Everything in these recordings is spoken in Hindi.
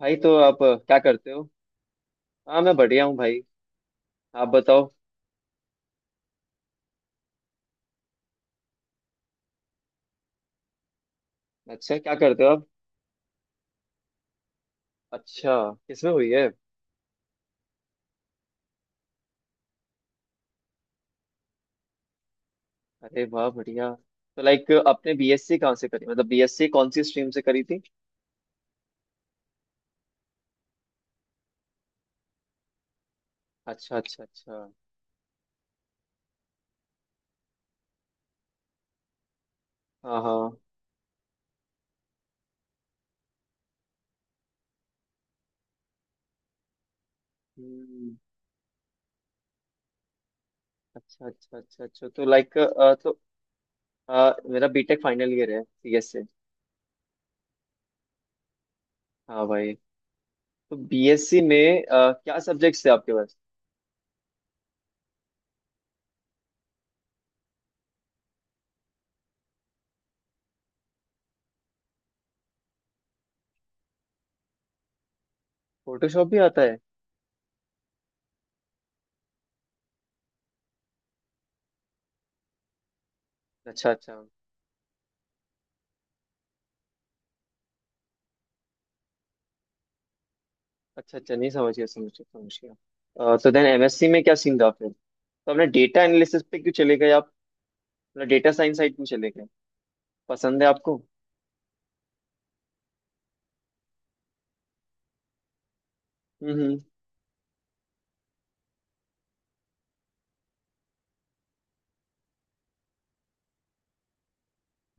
भाई तो आप क्या करते हो? हाँ, मैं बढ़िया हूँ भाई। आप बताओ। अच्छा, क्या करते हो आप? अच्छा, किसमें हुई है? अरे वाह, बढ़िया। तो लाइक आपने बीएससी कहाँ से करी, मतलब बीएससी कौन सी स्ट्रीम से करी थी? अच्छा अच्छा अच्छा। हाँ हाँ। हम्म। अच्छा अच्छा अच्छा अच्छा, तो लाइक तो मेरा बीटेक फाइनल ईयर है सीएस से। हाँ भाई। तो बीएससी में क्या सब्जेक्ट्स थे आपके पास? फोटोशॉप भी आता है? अच्छा अच्छा अच्छा अच्छा, नहीं समझ गया समझ गया समझ गया। तो देन एमएससी में क्या सीन था फिर? तो आपने डेटा एनालिसिस पे क्यों चले गए आप? मतलब डेटा साइंस साइड क्यों चले गए? पसंद है आपको? हम्म।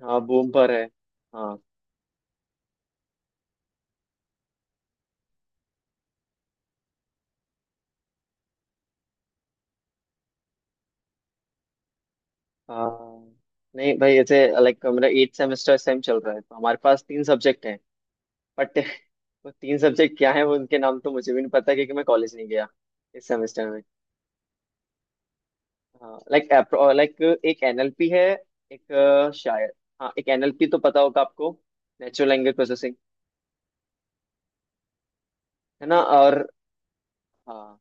हाँ, बूम पर है। हाँ हाँ। नहीं भाई, ऐसे लाइक मेरा एट सेमेस्टर इस टाइम चल रहा है, तो हमारे पास तीन सब्जेक्ट हैं। बट वो तीन सब्जेक्ट क्या है, वो उनके नाम तो मुझे भी नहीं पता, क्योंकि मैं कॉलेज नहीं गया इस सेमेस्टर में। हाँ लाइक, लाइक एक एनएलपी है। एक शायद हाँ, एक एनएलपी तो पता होगा आपको। Natural language processing. है ना? और हाँ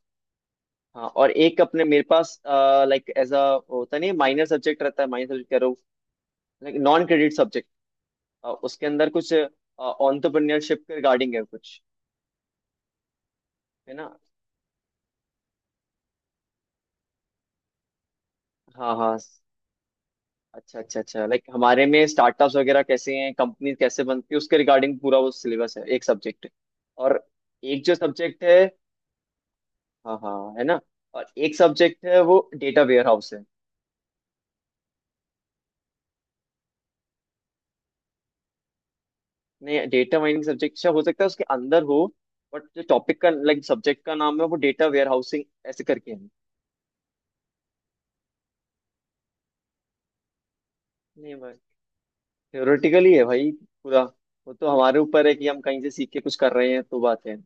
हाँ, और एक अपने मेरे पास लाइक एज अ, होता नहीं माइनर सब्जेक्ट, रहता है माइनर सब्जेक्ट कह रहा हूँ। लाइक नॉन क्रेडिट सब्जेक्ट उसके अंदर कुछ ऑन्टरप्रेन्योरशिप के रिगार्डिंग है कुछ। है ना? हाँ हाँ। अच्छा अच्छा अच्छा, लाइक हमारे में स्टार्टअप्स वगैरह कैसे हैं, कंपनी कैसे बनती है, उसके रिगार्डिंग पूरा वो सिलेबस है, एक सब्जेक्ट है। और एक जो सब्जेक्ट है, हाँ हाँ, है ना, और एक सब्जेक्ट है वो डेटा वेयर हाउस है। नहीं, डेटा माइनिंग सब्जेक्ट अच्छा हो सकता है, उसके अंदर हो। बट जो टॉपिक का लाइक सब्जेक्ट का नाम है वो डेटा वेयर हाउसिंग ऐसे करके है। नहीं भाई, theoretical ही है भाई पूरा। वो तो हमारे ऊपर है कि हम कहीं से सीख के कुछ कर रहे हैं तो बात है।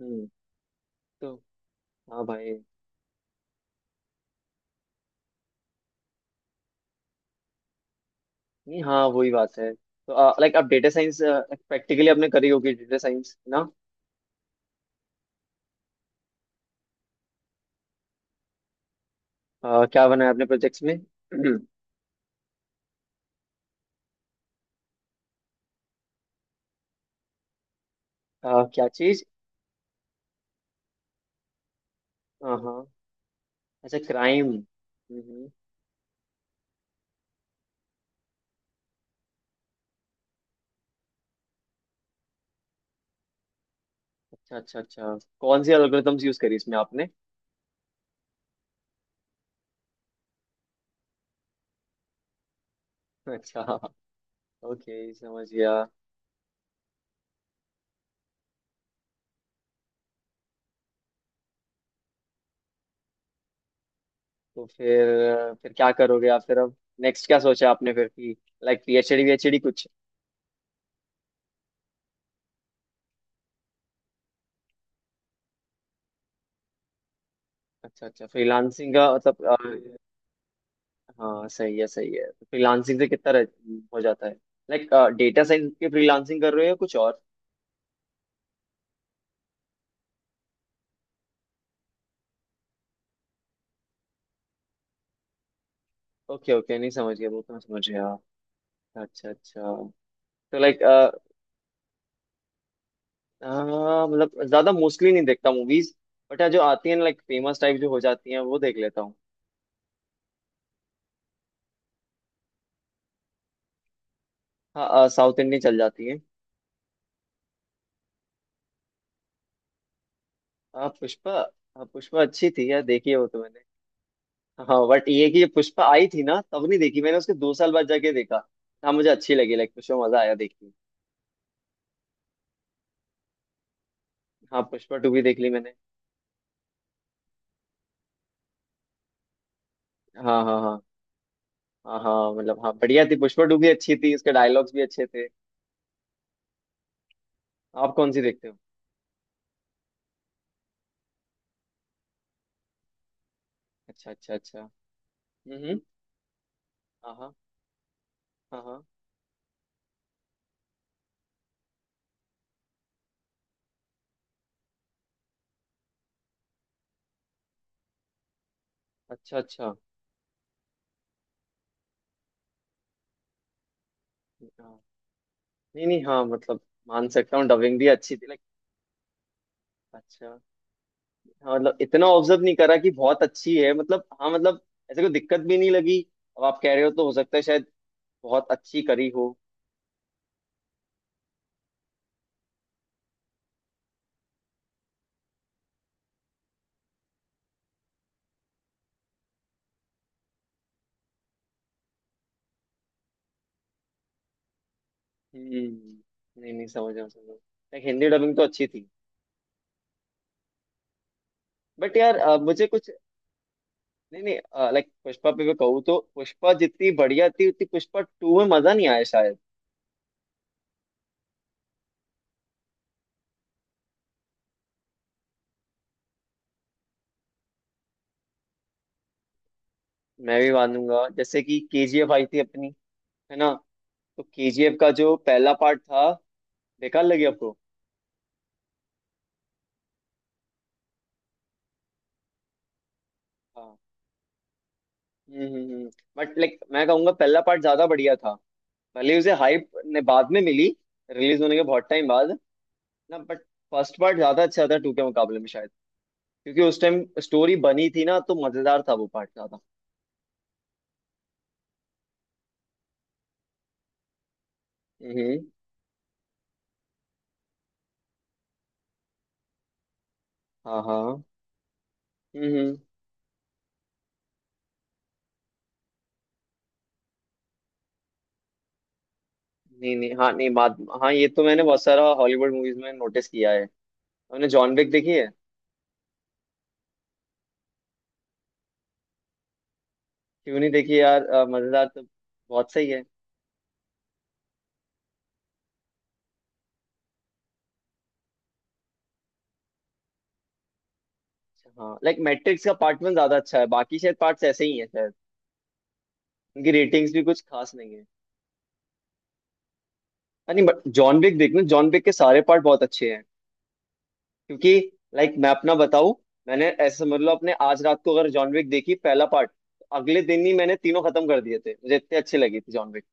हम्म। तो हाँ भाई, नहीं हाँ, वही बात है तो लाइक आप डेटा साइंस प्रैक्टिकली आपने करी होगी डेटा साइंस ना? क्या बनाया आपने प्रोजेक्ट्स में? क्या चीज? हाँ हाँ। अच्छा, क्राइम। अच्छा अच्छा अच्छा। कौन सी एल्गोरिथम्स यूज करी इसमें आपने? अच्छा। ओके, समझ गया। तो फिर क्या करोगे आप फिर अब? नेक्स्ट क्या सोचा आपने फिर कि लाइक पीएचडी वीएचडी कुछ? अच्छा अच्छा, फ्रीलांसिंग का मतलब हाँ सही है सही है। फ्रीलांसिंग से कितना हो जाता है? लाइक डेटा साइंस के फ्रीलांसिंग कर रहे हो या कुछ और? ओके ओके, नहीं समझ गया वो तो मैं समझ गया। अच्छा अच्छा, तो लाइक हाँ, मतलब ज्यादा मोस्टली नहीं देखता मूवीज। बट जो आती है लाइक फेमस टाइप जो हो जाती हैं वो देख लेता हूँ। हाँ, साउथ इंडियन चल जाती है। हाँ पुष्पा, हाँ पुष्पा अच्छी थी यार, देखी है वो तो मैंने। हाँ बट ये कि ये पुष्पा आई थी ना तब नहीं देखी मैंने, उसके 2 साल बाद जाके देखा। हाँ मुझे अच्छी लगी, लाइक पुष्पा मजा आया देख के। हाँ, पुष्पा टू भी देख ली मैंने। हाँ हाँ हाँ। हाँ हाँ, मतलब हाँ बढ़िया थी, पुष्पा टू भी अच्छी थी, उसके डायलॉग्स भी अच्छे थे। आप कौन सी देखते हो? अच्छा अच्छा अच्छा। हम्म। हाँ हाँ। हाँ हाँ। अच्छा अच्छा। हाँ। नहीं नहीं हाँ मतलब, मान सकता हूँ डबिंग भी अच्छी थी लाइक। अच्छा, हाँ मतलब इतना ऑब्जर्व नहीं करा कि बहुत अच्छी है, मतलब हाँ मतलब ऐसे कोई दिक्कत भी नहीं लगी। अब आप कह रहे हो तो हो सकता है शायद बहुत अच्छी करी हो। हम्म, नहीं नहीं समझ रहा हूँ, समझ रहा हूँ। लाइक हिंदी डबिंग तो अच्छी थी। बट यार मुझे कुछ नहीं नहीं। लाइक पुष्पा पे मैं कहूँ तो पुष्पा जितनी बढ़िया थी उतनी पुष्पा टू में मजा नहीं आया शायद। मैं भी मानूंगा, जैसे कि केजीएफ आई थी अपनी, है ना? तो केजीएफ का जो पहला पार्ट था, बेकार लगे आपको? हाँ। हम्म। बट लाइक मैं कहूंगा पहला पार्ट ज्यादा बढ़िया था, भले ही उसे हाइप ने बाद में मिली, रिलीज होने के बहुत टाइम बाद ना। बट फर्स्ट पार्ट ज्यादा अच्छा था टू के मुकाबले में शायद, क्योंकि उस टाइम स्टोरी बनी थी ना तो मजेदार था वो पार्ट ज्यादा। हम्म हाँ हाँ। हम्म। नहीं नहीं हाँ नहीं बात, हाँ ये तो मैंने बहुत सारा हॉलीवुड मूवीज में नोटिस किया है। हमने जॉन विक देखी है। क्यों नहीं देखी यार? मजेदार तो बहुत सही है। हाँ लाइक मैट्रिक्स का पार्ट वन ज्यादा अच्छा है, बाकी शायद पार्ट्स ऐसे ही हैं शायद। उनकी रेटिंग्स भी कुछ खास नहीं है। अरे नहीं, बट जॉन विक देखना, जॉन विक के सारे पार्ट बहुत अच्छे हैं। क्योंकि लाइक मैं अपना बताऊं, मैंने ऐसे समझ लो अपने आज रात को अगर जॉन विक देखी पहला पार्ट, अगले दिन ही मैंने तीनों खत्म कर दिए थे, मुझे इतनी अच्छी लगी थी जॉन विक।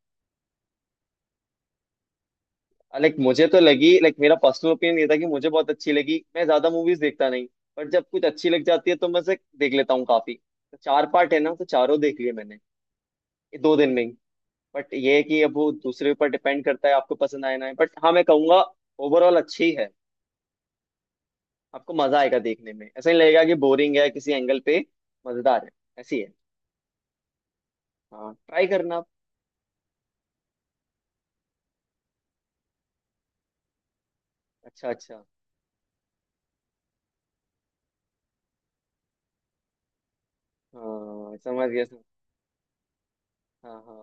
लाइक मुझे तो लगी, लाइक मेरा पर्सनल ओपिनियन ये था कि मुझे बहुत अच्छी लगी, मैं ज्यादा मूवीज देखता नहीं। बट जब कुछ अच्छी लग जाती है तो मैं उसे देख लेता हूँ काफी। तो चार पार्ट है ना, तो चारों देख लिए मैंने ये 2 दिन में ही। बट ये है कि अब वो दूसरे ऊपर डिपेंड करता है, आपको पसंद आए ना आए, बट हाँ मैं कहूंगा ओवरऑल अच्छी है। आपको मजा आएगा देखने में, ऐसा नहीं लगेगा कि बोरिंग है किसी एंगल पे, मजेदार है, ऐसी है। हाँ, ट्राई करना आप। अच्छा अच्छा। हाँ समझ गया समझ। हाँ हाँ,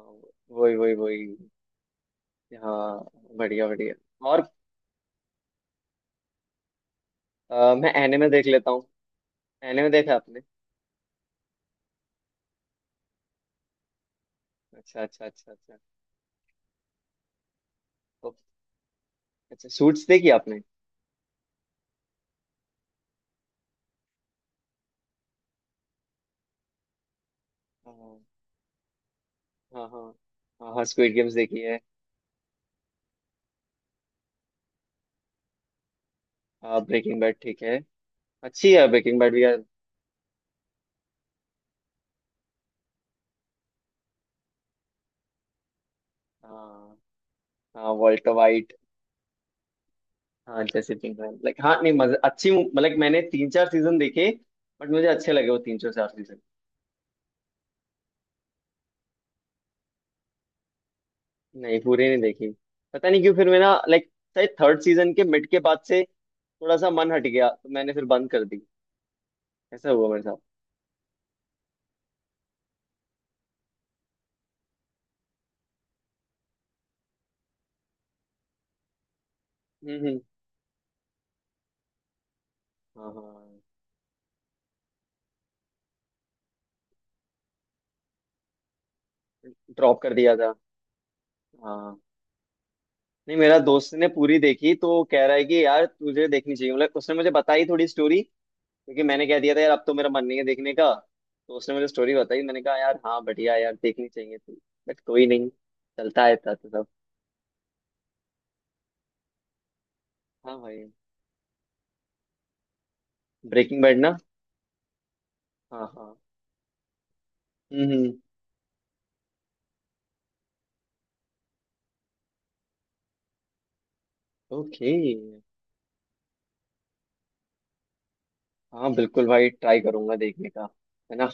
वही वही वही। हाँ, बढ़िया बढ़िया। और मैं एनिमे देख लेता हूँ। एनिमे देखा आपने? अच्छा अच्छा अच्छा अच्छा, तो अच्छा सूट्स देखी आपने? हाँ हाँ। हाँ हाँ हाँ, स्क्विड गेम्स देखी है। हाँ ब्रेकिंग बैड ठीक है, अच्छी है ब्रेकिंग बैड भी यार। हाँ। हाँ वॉल्टर वाइट। हाँ जैसे पिंक, लाइक हाँ, नहीं मजा अच्छी मतलब मैंने तीन चार सीजन देखे, बट मुझे अच्छे लगे वो तीन चार सीजन। नहीं, पूरी नहीं देखी। पता नहीं क्यों फिर मैं ना लाइक शायद थर्ड सीजन के मिड के बाद से थोड़ा सा मन हट गया तो मैंने फिर बंद कर दी, ऐसा हुआ मेरे साथ। हम्म। हाँ हाँ, ड्रॉप कर दिया था। हाँ। नहीं मेरा दोस्त ने पूरी देखी तो कह रहा है कि यार तुझे देखनी चाहिए, मतलब उसने मुझे बताई थोड़ी स्टोरी, क्योंकि मैंने कह दिया था यार अब तो मेरा मन नहीं है देखने का। तो उसने मुझे स्टोरी बताई, मैंने कहा यार हाँ बढ़िया है यार, देखनी चाहिए थी। बट कोई नहीं, चलता है था तो सब। हाँ भाई, ब्रेकिंग बैड ना। हाँ हाँ। हम्म। ओके। हाँ बिल्कुल भाई, ट्राई करूंगा देखने का। है ना?